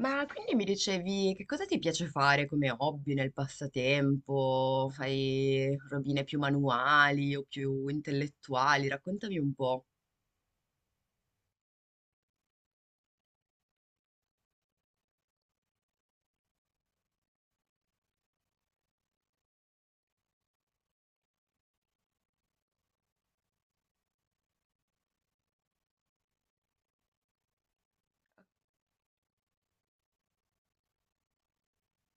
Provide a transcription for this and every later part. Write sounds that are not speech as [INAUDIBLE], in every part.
Ma quindi mi dicevi che cosa ti piace fare come hobby nel passatempo? Fai robine più manuali o più intellettuali? Raccontami un po'.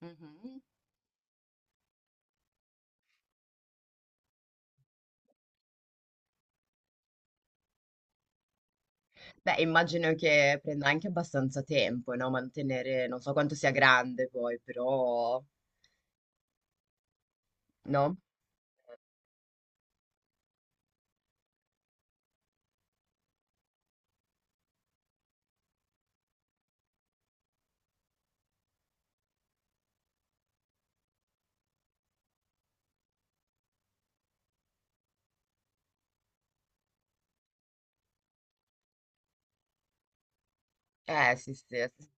Mhm. Beh, immagino che prenda anche abbastanza tempo, no? Mantenere, non so quanto sia grande poi, però, no? Sì, sì, sì,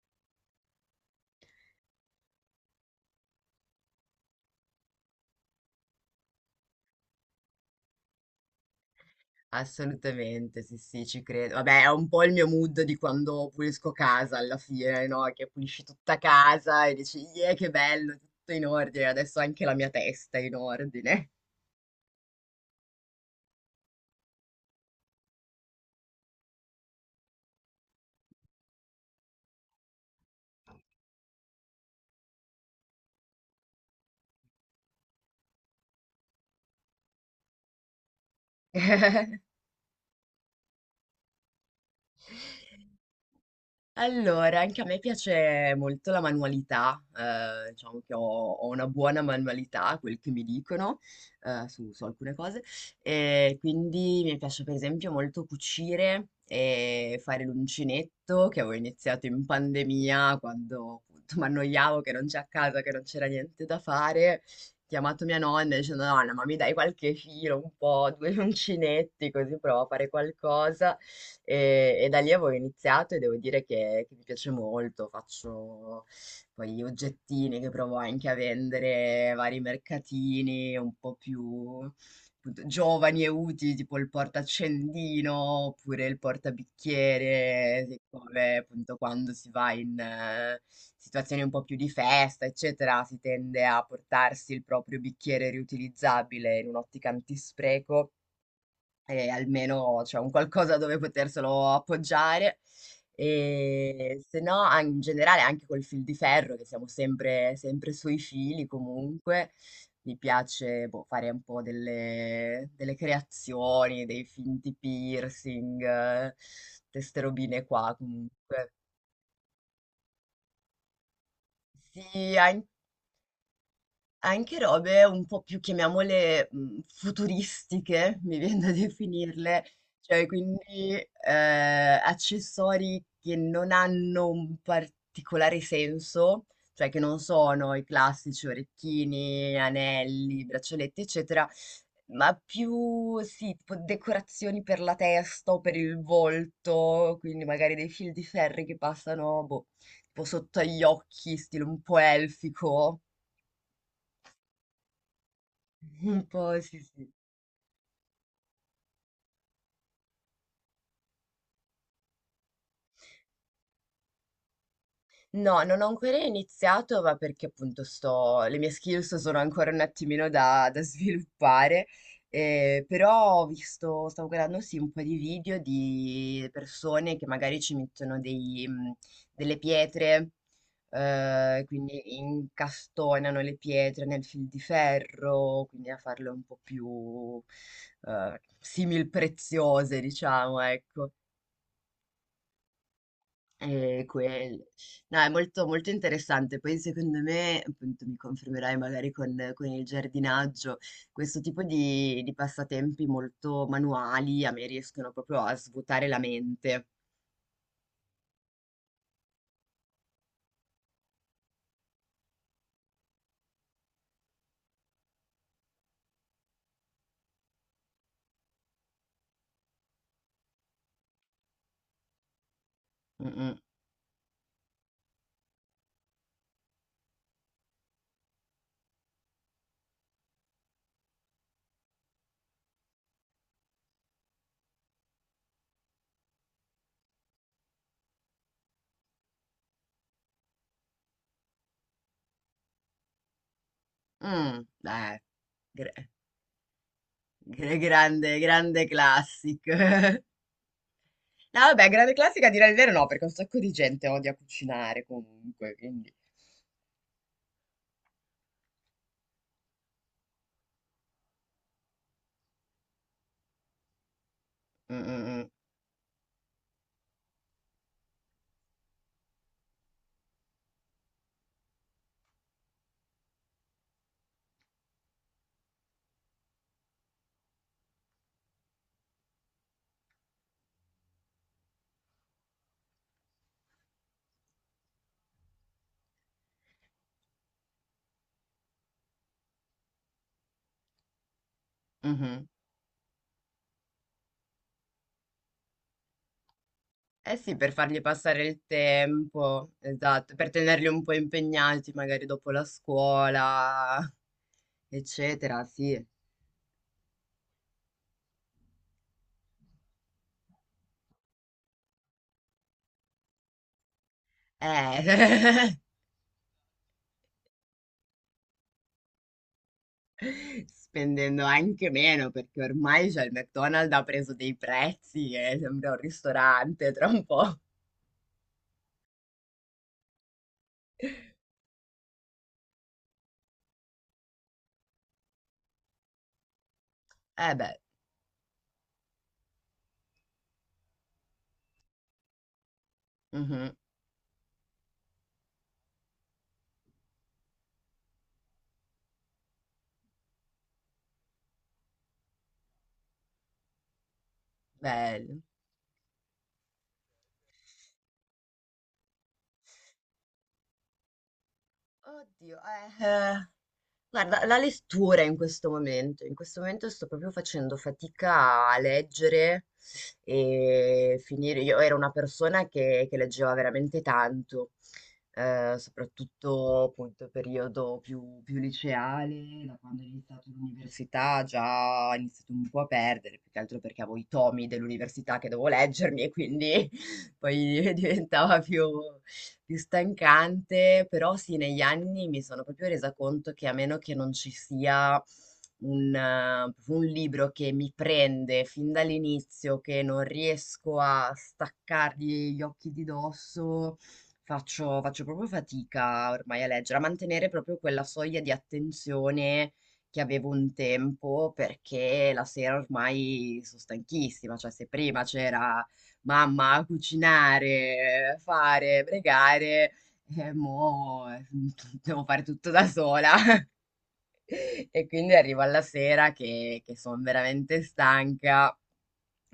assolutamente, sì, sì, ci credo. Vabbè, è un po' il mio mood di quando pulisco casa alla fine, no? Che pulisci tutta casa e dici, yeah, che bello, tutto in ordine, adesso anche la mia testa è in ordine. Allora, anche a me piace molto la manualità, diciamo che ho una buona manualità, quel che mi dicono, su alcune cose, e quindi mi piace per esempio molto cucire e fare l'uncinetto, che avevo iniziato in pandemia, quando appunto [LAUGHS] mi annoiavo che non c'è a casa, che non c'era niente da fare. Ho chiamato mia nonna dicendo, nonna, ma mi dai qualche filo, un po', due [LAUGHS] uncinetti, così provo a fare qualcosa. E da lì avevo iniziato e devo dire che mi piace molto, faccio poi gli oggettini che provo anche a vendere, vari mercatini un po' più appunto, giovani e utili, tipo il portaccendino oppure il portabicchiere, siccome appunto quando si va in situazioni un po' più di festa, eccetera, si tende a portarsi il proprio bicchiere riutilizzabile in un'ottica antispreco e almeno c'è un qualcosa dove poterselo appoggiare. E se no, in generale, anche col fil di ferro, che siamo sempre, sempre sui fili comunque, mi piace boh, fare un po' delle creazioni, dei finti piercing, queste robine qua comunque. Sì, anche robe un po' più, chiamiamole, futuristiche, [LAUGHS] mi vien da definirle, cioè quindi, accessori che non hanno un particolare senso, cioè che non sono i classici orecchini, anelli, braccialetti, eccetera, ma più sì, tipo decorazioni per la testa o per il volto, quindi magari dei fil di ferri che passano, boh, tipo sotto agli occhi, stile un po' elfico. Un po', sì, sì. No, non ho ancora iniziato, ma perché appunto sto, le mie skills sono ancora un attimino da, [LAUGHS] sviluppare, però ho visto, stavo guardando sì un po' di video di persone che magari ci mettono delle pietre, quindi incastonano le pietre nel fil di ferro, quindi a farle un po' più simil preziose, diciamo, ecco. E quel- No, è molto, molto interessante. Poi secondo me, appunto, mi confermerai magari con il giardinaggio, questo tipo di passatempi molto manuali a me riescono proprio a svuotare la mente. Mm, mm. mm, eh, gre- Grande, grande classic. [LAUGHS] No, vabbè, grande classica a dire il vero no, perché un sacco di gente odia cucinare comunque, quindi... Mm, mm, mm, mhm. Eh sì, per fargli passare il tempo, esatto, per tenerli un po' impegnati magari dopo la scuola, eccetera, sì. Eh, [LAUGHS] spendendo anche meno perché ormai cioè, il McDonald's ha preso dei prezzi e sembra un ristorante tra un po'. Eh beh. Mhm. Bello. Oddio. Guarda, la lettura in questo momento sto proprio facendo fatica a leggere e finire. Io ero una persona che leggeva veramente tanto, soprattutto appunto periodo più liceale, da quando ho iniziato l'università già ho iniziato un po' a perdere, più che altro perché avevo i tomi dell'università che dovevo leggermi e quindi [LAUGHS] poi diventava più stancante, però sì, negli anni mi sono proprio resa conto che a meno che non ci sia un libro che mi prende fin dall'inizio, che non riesco a staccargli gli occhi di dosso, faccio proprio fatica ormai a leggere, a mantenere proprio quella soglia di attenzione che avevo un tempo, perché la sera ormai sono stanchissima, cioè se prima c'era mamma a cucinare, fare, pregare, mo [LAUGHS] devo fare tutto da sola. E quindi arrivo alla sera che son veramente stanca,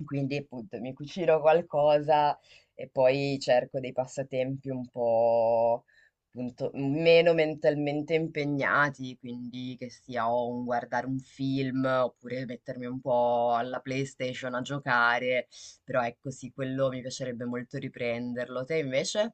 quindi appunto mi cucino qualcosa e poi cerco dei passatempi un po' appunto meno mentalmente impegnati, quindi che sia o un guardare un film oppure mettermi un po' alla PlayStation a giocare, però ecco sì, quello mi piacerebbe molto riprenderlo. Te invece?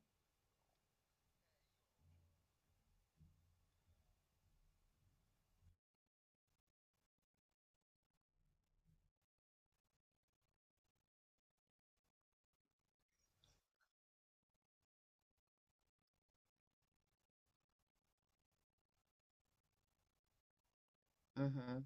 Mh-mh.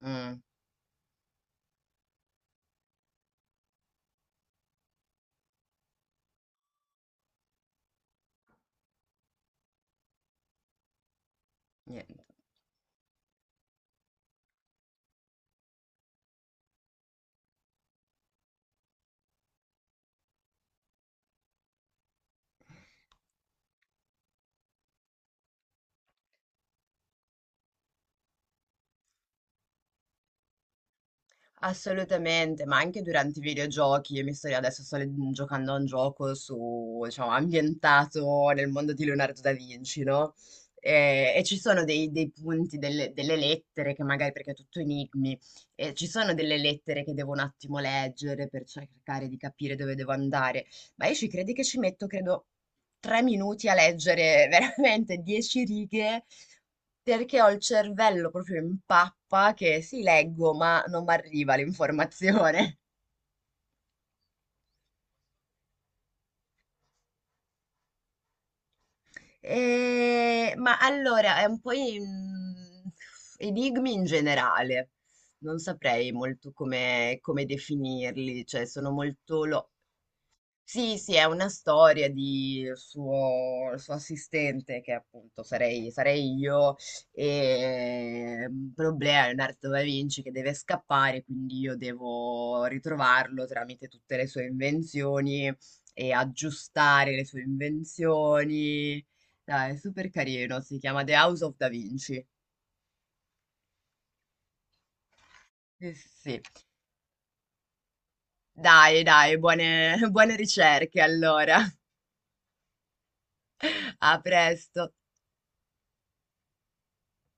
Mh, nien Assolutamente, ma anche durante i videogiochi, io mi sto adesso sto le- mhmm, giocando a un gioco su, diciamo, ambientato nel mondo di Leonardo da Vinci, no? E ci sono dei punti, delle lettere che magari, perché è tutto enigmi, e ci sono delle lettere che devo un attimo leggere per cercare di capire dove devo andare, ma io ci credi che ci metto, credo, 3 minuti a leggere [LAUGHS] veramente 10 righe. Perché ho il cervello proprio in pappa che sì, leggo, ma non mi arriva l'informazione. [LAUGHS] Ma allora, è un po' enigmi in generale. Non saprei molto come definirli, cioè sono molto. Sì, sì, è una storia di suo, il suo assistente, che appunto sarei io, e un problema, Leonardo da Vinci, che deve scappare, quindi io devo ritrovarlo tramite tutte le sue invenzioni e aggiustare le sue invenzioni. Dai, è super carino, si chiama The House of Da Vinci. Sì, sì, sì. Dai, dai, buone [LAUGHS] buone ricerche allora. [LAUGHS] A presto.